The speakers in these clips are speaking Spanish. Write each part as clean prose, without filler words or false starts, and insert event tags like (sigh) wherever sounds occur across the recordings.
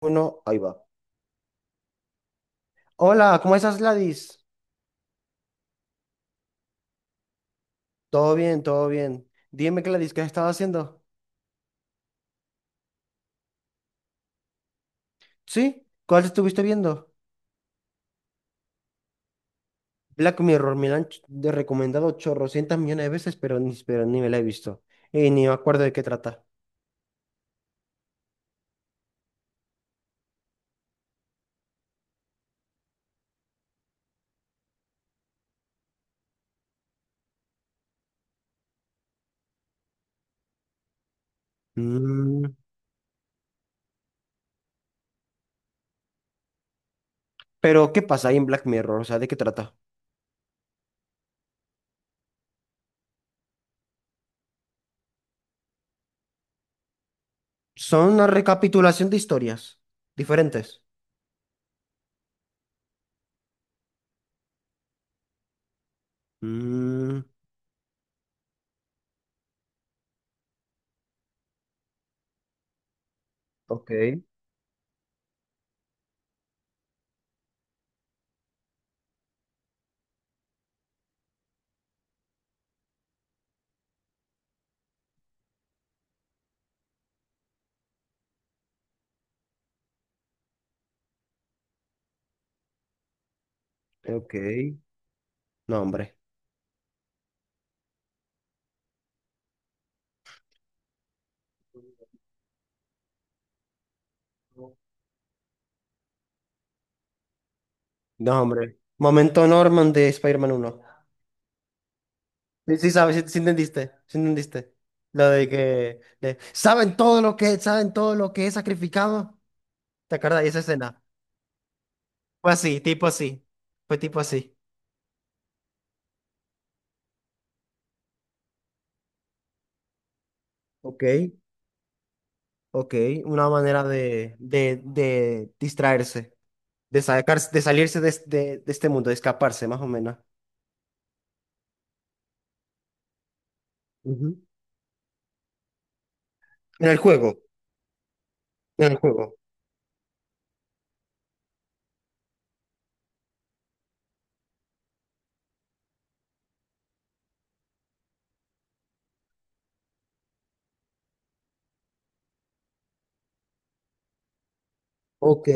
Uno, ahí va. Hola, ¿cómo estás, Gladys? Todo bien, todo bien. Dime, Gladys, ¿qué has estado haciendo? ¿Sí? ¿Cuál estuviste viendo? Black Mirror, me la han ch- de recomendado chorrocientas millones de veces, pero ni me la he visto. Y ni me acuerdo de qué trata. Mm. Pero, ¿qué pasa ahí en Black Mirror? O sea, ¿de qué trata? Son una recapitulación de historias diferentes. Mm. Ok, ok. No, hombre. No, hombre. Momento Norman de Spider-Man 1. Sí, sabes, sí, sí entendiste, sí entendiste. Lo de que saben todo lo que, saben todo lo que he sacrificado. ¿Te acuerdas de esa escena? Fue así, tipo así. Fue tipo así. Ok, ok. Una manera de distraerse, de sacarse, de salirse de este mundo, de escaparse, más o menos. Ujú. En el juego, en el juego. Ok.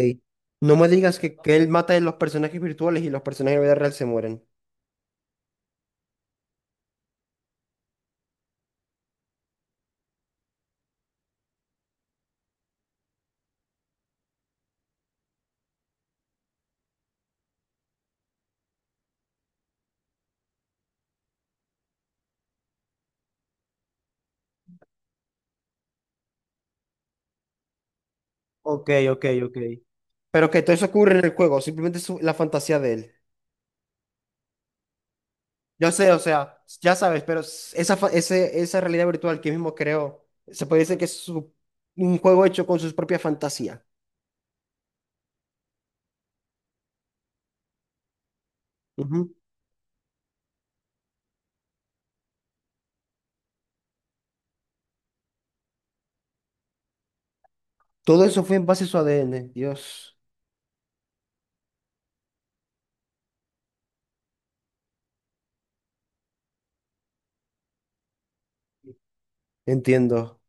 No me digas que él mata a los personajes virtuales y los personajes de la vida real se mueren. Ok, ok, ok. Pero que todo eso ocurre en el juego, simplemente es la fantasía de él. Yo sé, o sea, ya sabes, pero esa realidad virtual que él mismo creó, se puede decir que es un juego hecho con sus propias fantasías. Ujú. Todo eso fue en base a su ADN. Dios, entiendo,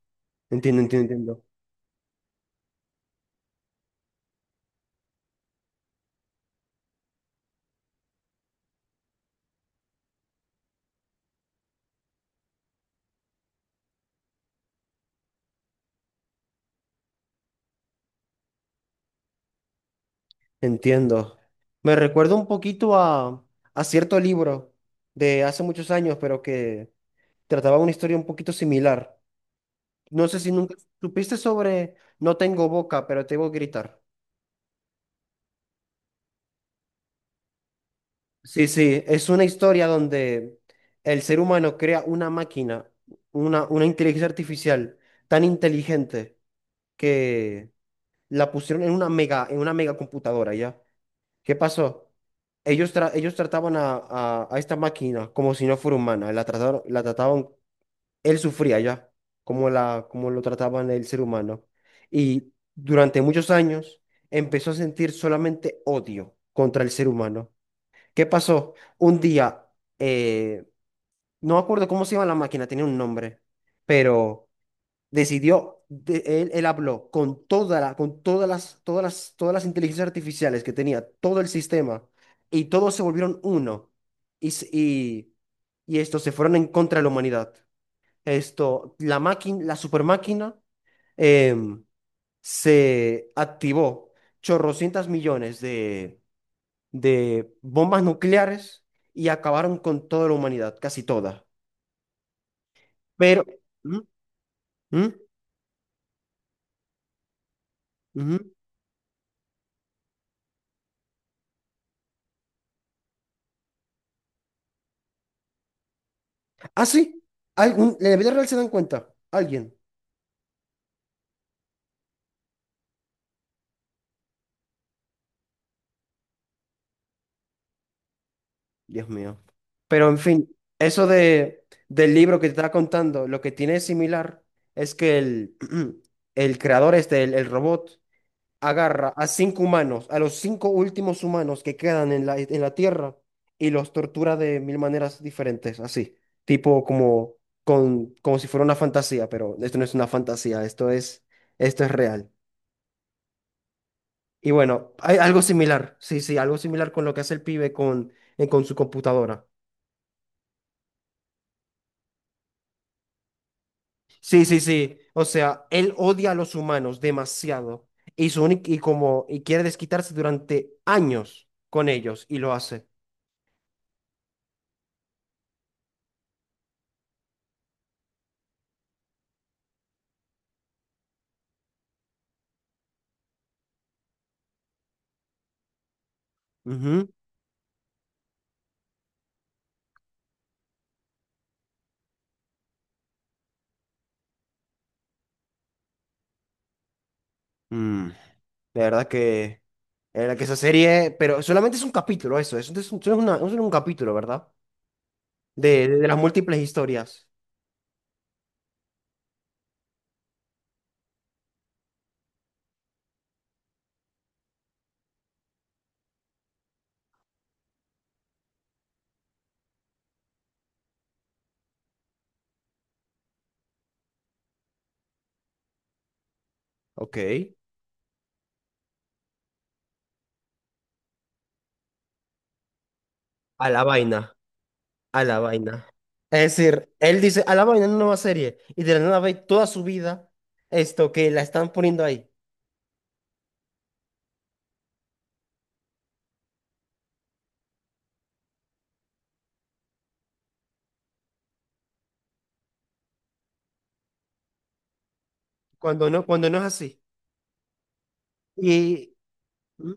entiendo, entiendo, entiendo, entiendo. Me recuerda un poquito a cierto libro de hace muchos años, pero que trataba una historia un poquito similar. No sé si nunca supiste sobre No tengo boca, pero te voy a gritar. Sí, sí, es una historia donde el ser humano crea una máquina, una inteligencia artificial tan inteligente que la pusieron en una mega computadora, ¿ya? ¿Qué pasó? Ellos, ellos trataban a esta máquina como si no fuera humana, la trataron, la trataban él sufría ya, como la, como lo trataban el ser humano. Y durante muchos años empezó a sentir solamente odio contra el ser humano. ¿Qué pasó? Un día, eh, no me acuerdo cómo se llama la máquina, tenía un nombre, pero decidió, él habló con toda la, con todas las, todas las, todas las inteligencias artificiales que tenía, todo el sistema, y todos se volvieron uno. Y y estos se fueron en contra de la humanidad esto, la máquina, la super máquina em, se activó chorrocientas millones de bombas nucleares y acabaron con toda la humanidad, casi toda. Pero, ¿mm? ¿Mm? ¿Mm? Ah, sí, algún, en la vida real se dan cuenta, alguien. Dios mío. Pero en fin, eso de, del libro que te estaba contando, lo que tiene es similar es que (clears throat) el creador este, el robot, agarra a cinco humanos, a los cinco últimos humanos que quedan en la Tierra y los tortura de mil maneras diferentes, así, tipo como, con, como si fuera una fantasía, pero esto no es una fantasía, esto es real. Y bueno, hay algo similar, sí, sí, algo similar con lo que hace el pibe con su computadora. Sí, sí, sí, o sea, él odia a los humanos demasiado y, su únic- y, como, y quiere desquitarse durante años con ellos y lo hace. Ujú. Mm. La verdad que, la verdad que esa serie, pero solamente es un capítulo eso, eso es un, solo es un capítulo, ¿verdad? De las múltiples historias. Ok. A la vaina, a la vaina. Es decir, él dice, a la vaina, una nueva serie, y de la nada ve toda su vida esto que la están poniendo ahí, cuando no es así. Y, ¿mm?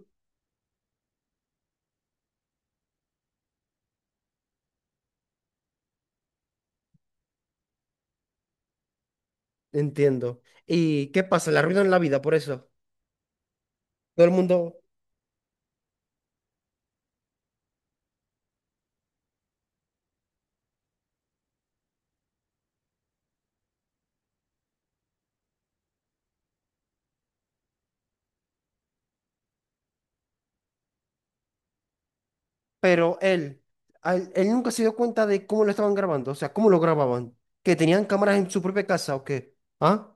Entiendo. ¿Y qué pasa? Le arruinan la vida por eso. Todo el mundo... pero él, a él, él nunca se dio cuenta de cómo lo estaban grabando, o sea, cómo lo grababan, que tenían cámaras en su propia casa o qué, ¿ah?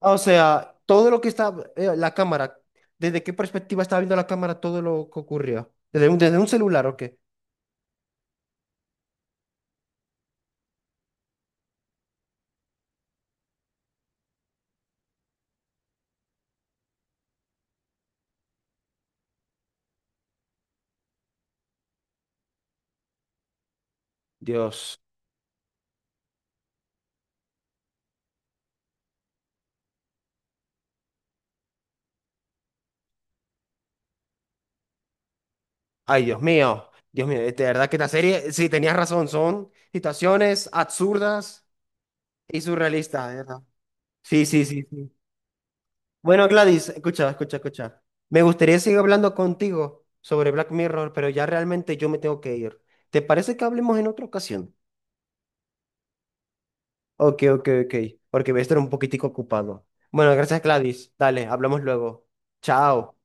Ah, o sea, todo lo que estaba, la cámara, desde qué perspectiva estaba viendo la cámara todo lo que ocurría, desde un celular o qué. Dios, ay Dios mío, de verdad que esta serie, sí, tenías razón, son situaciones absurdas y surrealistas, de verdad. Sí, sí, sí, sí. Bueno, Gladys, escucha, escucha, escucha. Me gustaría seguir hablando contigo sobre Black Mirror, pero ya realmente yo me tengo que ir. ¿Te parece que hablemos en otra ocasión? Ok, ok, ok, porque voy a estar un poquitico ocupado. Bueno, gracias, Gladys. Dale, hablamos luego. Chao.